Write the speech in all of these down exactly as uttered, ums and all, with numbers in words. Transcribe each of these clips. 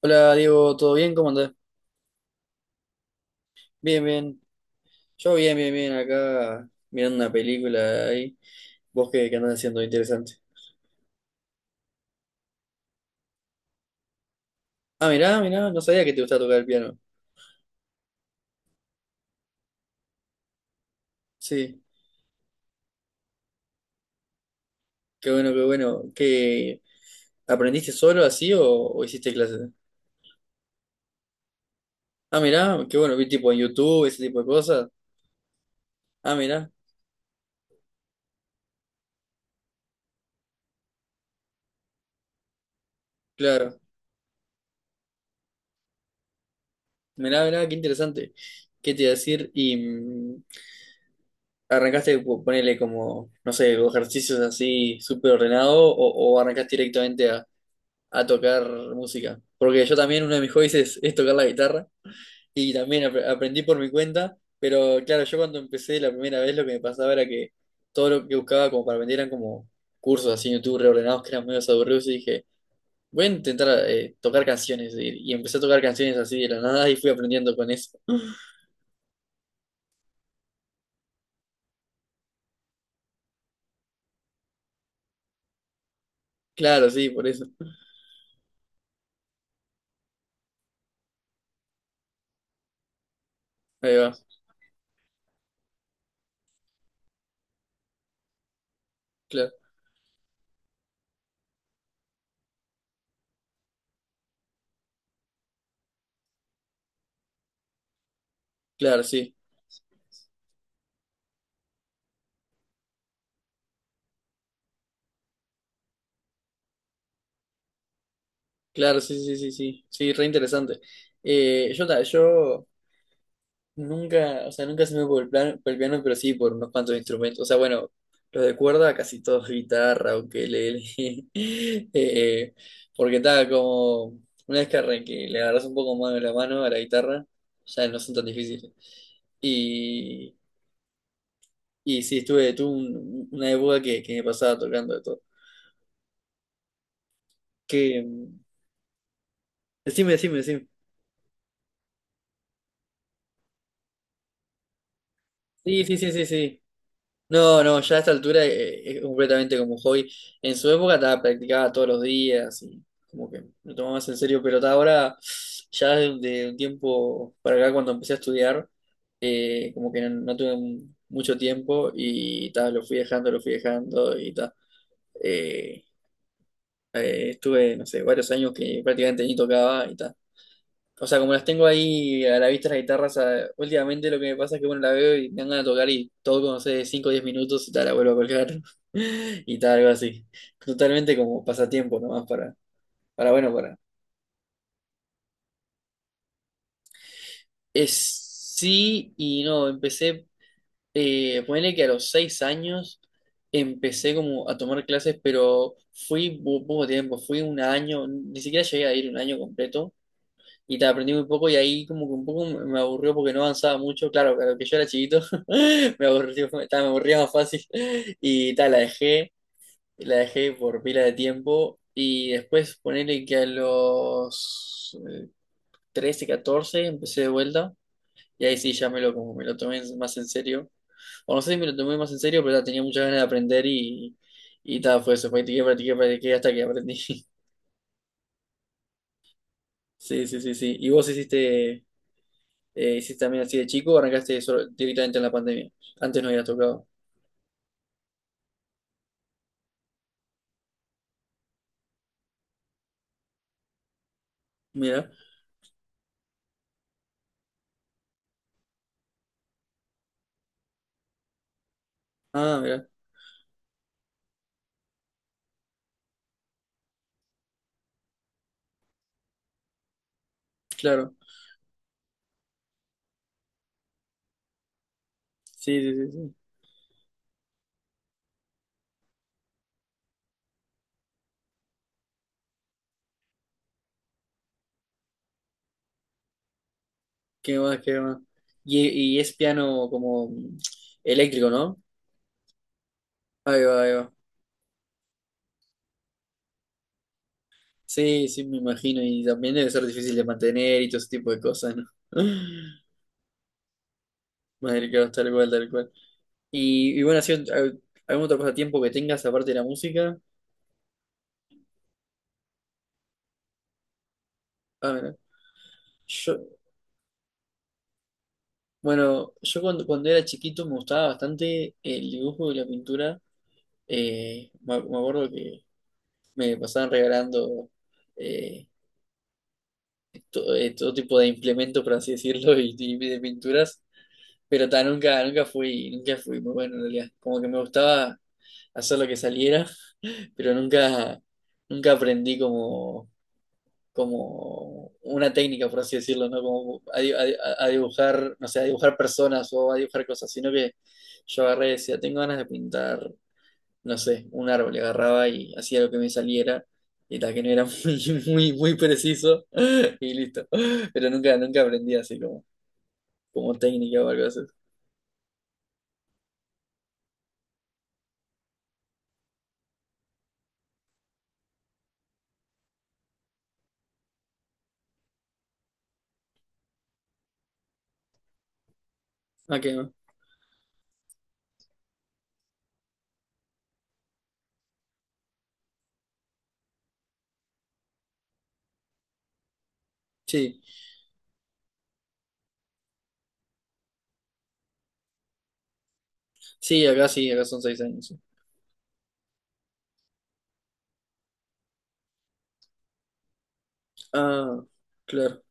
Hola Diego, ¿todo bien? ¿Cómo andás? Bien, bien. Yo bien, bien, bien. Acá mirando una película ahí. ¿Vos qué, qué andás haciendo? Interesante. Ah, mirá, mirá. No sabía que te gustaba tocar el piano. Sí, qué bueno, qué bueno. ¿Qué, aprendiste solo así o, o hiciste clases? Ah, mirá, qué bueno. Vi tipo en YouTube, ese tipo de cosas. Ah, mirá, claro. Mirá, mirá, qué interesante. ¿Qué te iba a decir? Y mm, arrancaste, po- ponele como, no sé, ejercicios así súper ordenado o, o, arrancaste directamente a a tocar música. Porque yo también uno de mis hobbies es, es tocar la guitarra y también ap- aprendí por mi cuenta, pero claro, yo cuando empecé la primera vez lo que me pasaba era que todo lo que buscaba como para aprender eran como cursos así en YouTube reordenados que eran medio aburridos y dije, voy a intentar eh, tocar canciones y, y empecé a tocar canciones así de la nada y fui aprendiendo con eso. Claro, sí, por eso. Ahí va. Claro, claro, sí. Claro, sí, sí, sí, sí. Sí, re interesante. Eh, yo, ta- yo nunca, o sea, nunca se me por el plan- por el piano, pero sí por unos cuantos instrumentos. O sea, bueno, los de cuerda casi todos guitarra, ukelele. eh, Porque tal, como una vez que, arran- le agarras un poco más de la mano a la guitarra, ya no son tan difíciles. Y, y sí, estuve, tuve un- una época que, que me pasaba tocando de todo. Que, mm, Decime, decime, decime. Sí, sí, sí, sí, sí. No, no, ya a esta altura eh, es completamente como hobby. En su época estaba practicaba todos los días y como que lo tomaba más en serio, pero ta- ahora, ya de, de, un tiempo para acá, cuando empecé a estudiar, eh, como que no, no tuve mu- mucho tiempo y ta, lo fui dejando, lo fui dejando y ta. Eh, eh, Estuve, no sé, varios años que prácticamente ni tocaba y ta o sea, como las tengo ahí a la vista las guitarras, a- últimamente lo que me pasa es que bueno, la veo y me dan ganas de tocar y todo como no sé, cinco o diez minutos y tal, la vuelvo a colgar y tal, algo así. Totalmente como pasatiempo nomás, para, para bueno, para. Es sí y no, empecé. Eh, ponele que a los seis años empecé como a tomar clases, pero fui po- poco tiempo, fui un año, ni siquiera llegué a ir un año completo y te aprendí muy poco y ahí como que un poco me aburrió porque no avanzaba mucho, claro, claro que yo era chiquito. Me aburrió, ta, me aburría más fácil y tal, la dejé, la dejé, por pila de tiempo y después ponerle que a los eh, trece, catorce empecé de vuelta y ahí sí ya me lo, como me lo tomé más en serio, o no sé si me lo tomé más en serio, pero ta, tenía muchas ganas de aprender y, y tal, fue eso, practiqué, practiqué, practiqué hasta que aprendí. Sí, sí, sí, sí. ¿Y vos hiciste Eh, ¿hiciste también así de chico o arrancaste solo- directamente en la pandemia? Antes no había tocado. Mira. Ah, mira, claro. Sí, sí, sí, sí. ¿Qué más, qué más? Y, y es piano como mm, eléctrico, ¿no? Ahí va, ahí va. Sí, sí, me imagino. Y también debe ser difícil de mantener y todo ese tipo de cosas, ¿no? Madre, claro, tal cual, tal cual. Y, y bueno, así, al- ¿algún otro pasatiempo que tengas aparte de la música? Ah, mira. Yo, bueno, yo cuando, cuando era chiquito me gustaba bastante el dibujo y la pintura. Eh, me, me acuerdo que me pasaban regalando eh, to- eh, todo tipo de implementos, por así decirlo, y, y de pinturas, pero ta, nunca, nunca fui, nunca fui muy bueno en realidad. Como que me gustaba hacer lo que saliera, pero nunca, nunca aprendí como, como una técnica, por así decirlo, ¿no? Como a, di- a di- a dibujar, no sé, a dibujar personas o a dibujar cosas, sino que yo agarré y decía, tengo ganas de pintar no sé, un árbol, y agarraba y hacía lo que me saliera, y la que no era muy, muy, muy preciso, y listo. Pero nunca, nunca aprendí así como, como técnica o algo así. Ah, qué va. Sí, sí, acá sí, acá son seis años. Sí. Ah, claro,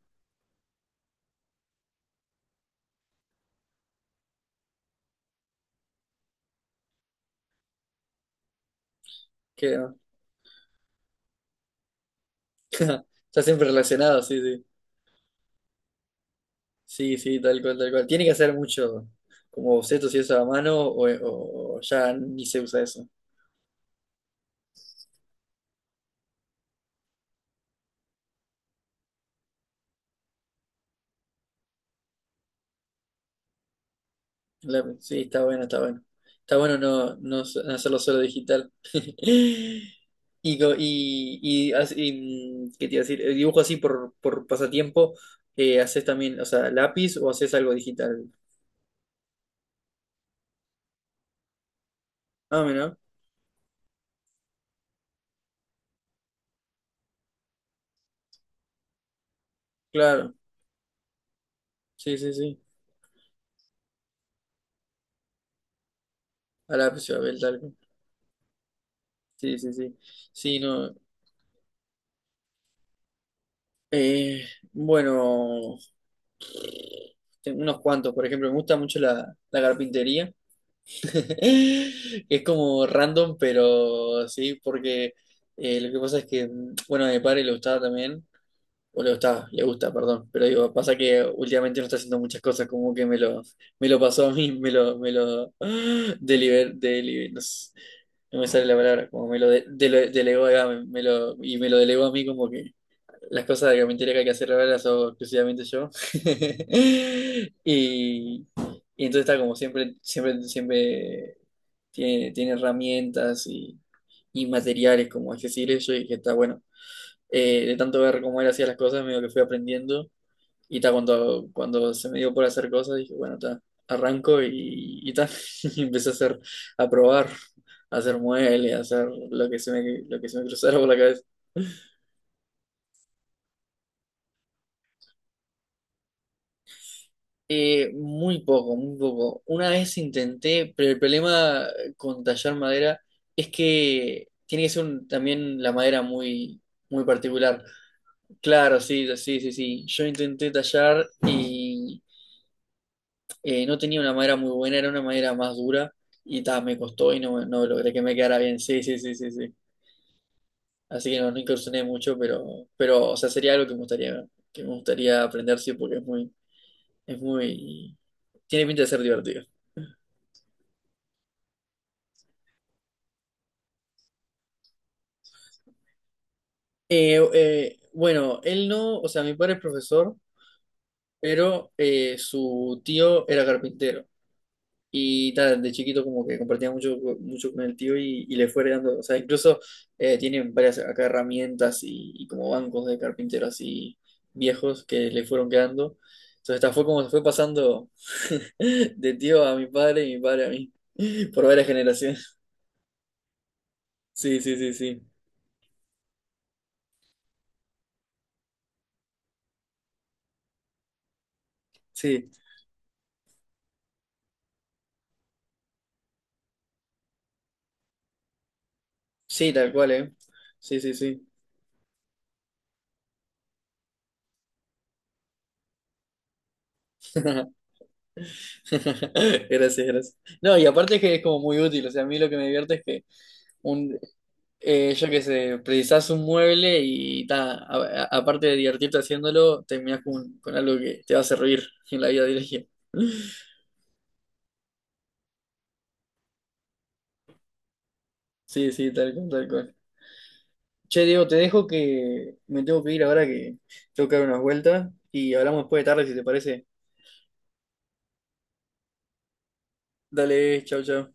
qué va. Está siempre relacionado, sí, sí. Sí, sí, tal cual, tal cual. Tiene que hacer mucho como bocetos y eso a mano, o, o o ya ni se usa eso. La- sí, está bueno, está bueno. Está bueno, no, no s- no hacerlo solo digital. Y, co- y, y, as- y, mm, ¿qué te iba a decir? El dibujo así por, por pasatiempo, eh, ¿haces también, o sea, lápiz o haces algo digital? Ah, mira, claro. Sí, sí, sí. A lápiz o a papel, tal cual. Sí, sí, sí. Sí, no. eh, bueno, tengo unos cuantos, por ejemplo, me gusta mucho la, la carpintería. Es como random, pero sí, porque eh, lo que pasa es que, mm, bueno, a mi padre le gustaba también, o le gustaba, le gusta, perdón, pero digo, pasa que últimamente no está haciendo muchas cosas, como que me lo, me lo, pasó a mí. me lo, me lo, deliber, deli- no sé, no me sale la palabra, como me lo de- dele- delegó, acá, me, me lo, y me lo delegó a mí como que las cosas de carpintería que hay que hacer ahora las hago exclusivamente yo. Y, y entonces está como siempre, siempre, siempre tiene, tiene herramientas y, y materiales como accesibles yo dije está bueno. Eh, de tanto ver cómo él hacía las cosas, medio que fui aprendiendo y está cuando, cuando se me dio por hacer cosas, dije, bueno, está, arranco y, y ta. Y empecé a hacer, a probar, a hacer muebles, a hacer lo que se me, lo que se me cruzara por la cabeza. Eh, muy poco, muy poco. Una vez intenté, pero el problema con tallar madera es que tiene que ser un- también la madera muy, muy particular. Claro, sí, sí, sí, sí. Yo intenté tallar y eh, no tenía una madera muy buena, era una madera más dura y ta, me costó y no, no, logré que me quedara bien. Sí, sí, sí, sí, sí. Así que no, no, incursioné mucho, pero, pero, o sea, sería algo que me gustaría, que me gustaría, aprender, sí, porque es muy, es muy, tiene pinta de ser divertido. Eh, eh, bueno, él no, o sea, mi padre es profesor, pero eh, su tío era carpintero. Y tal, de chiquito como que compartía mucho, co- mucho con el tío y, y le fue heredando, o sea, incluso eh, tienen varias acá herramientas y, y como bancos de carpinteros así viejos que le fueron quedando. Entonces, esta fue como se fue pasando de tío a mi padre y mi padre a mí, por varias generaciones. Sí, sí, sí, sí. Sí, sí, tal cual, ¿eh? Sí, sí, sí. Gracias, gracias. No, y aparte es que es como muy útil, o sea, a mí lo que me divierte es que... un Eh, yo qué sé, precisás un mueble y ta, a- a- aparte de divertirte haciéndolo, terminás con, con, algo que te va a servir en la vida diaria. Sí, sí, tal cual, tal cual. Che, Diego, te dejo que me tengo que ir ahora que tengo que dar unas vueltas y hablamos después de tarde si te parece. Dale, chau, chau.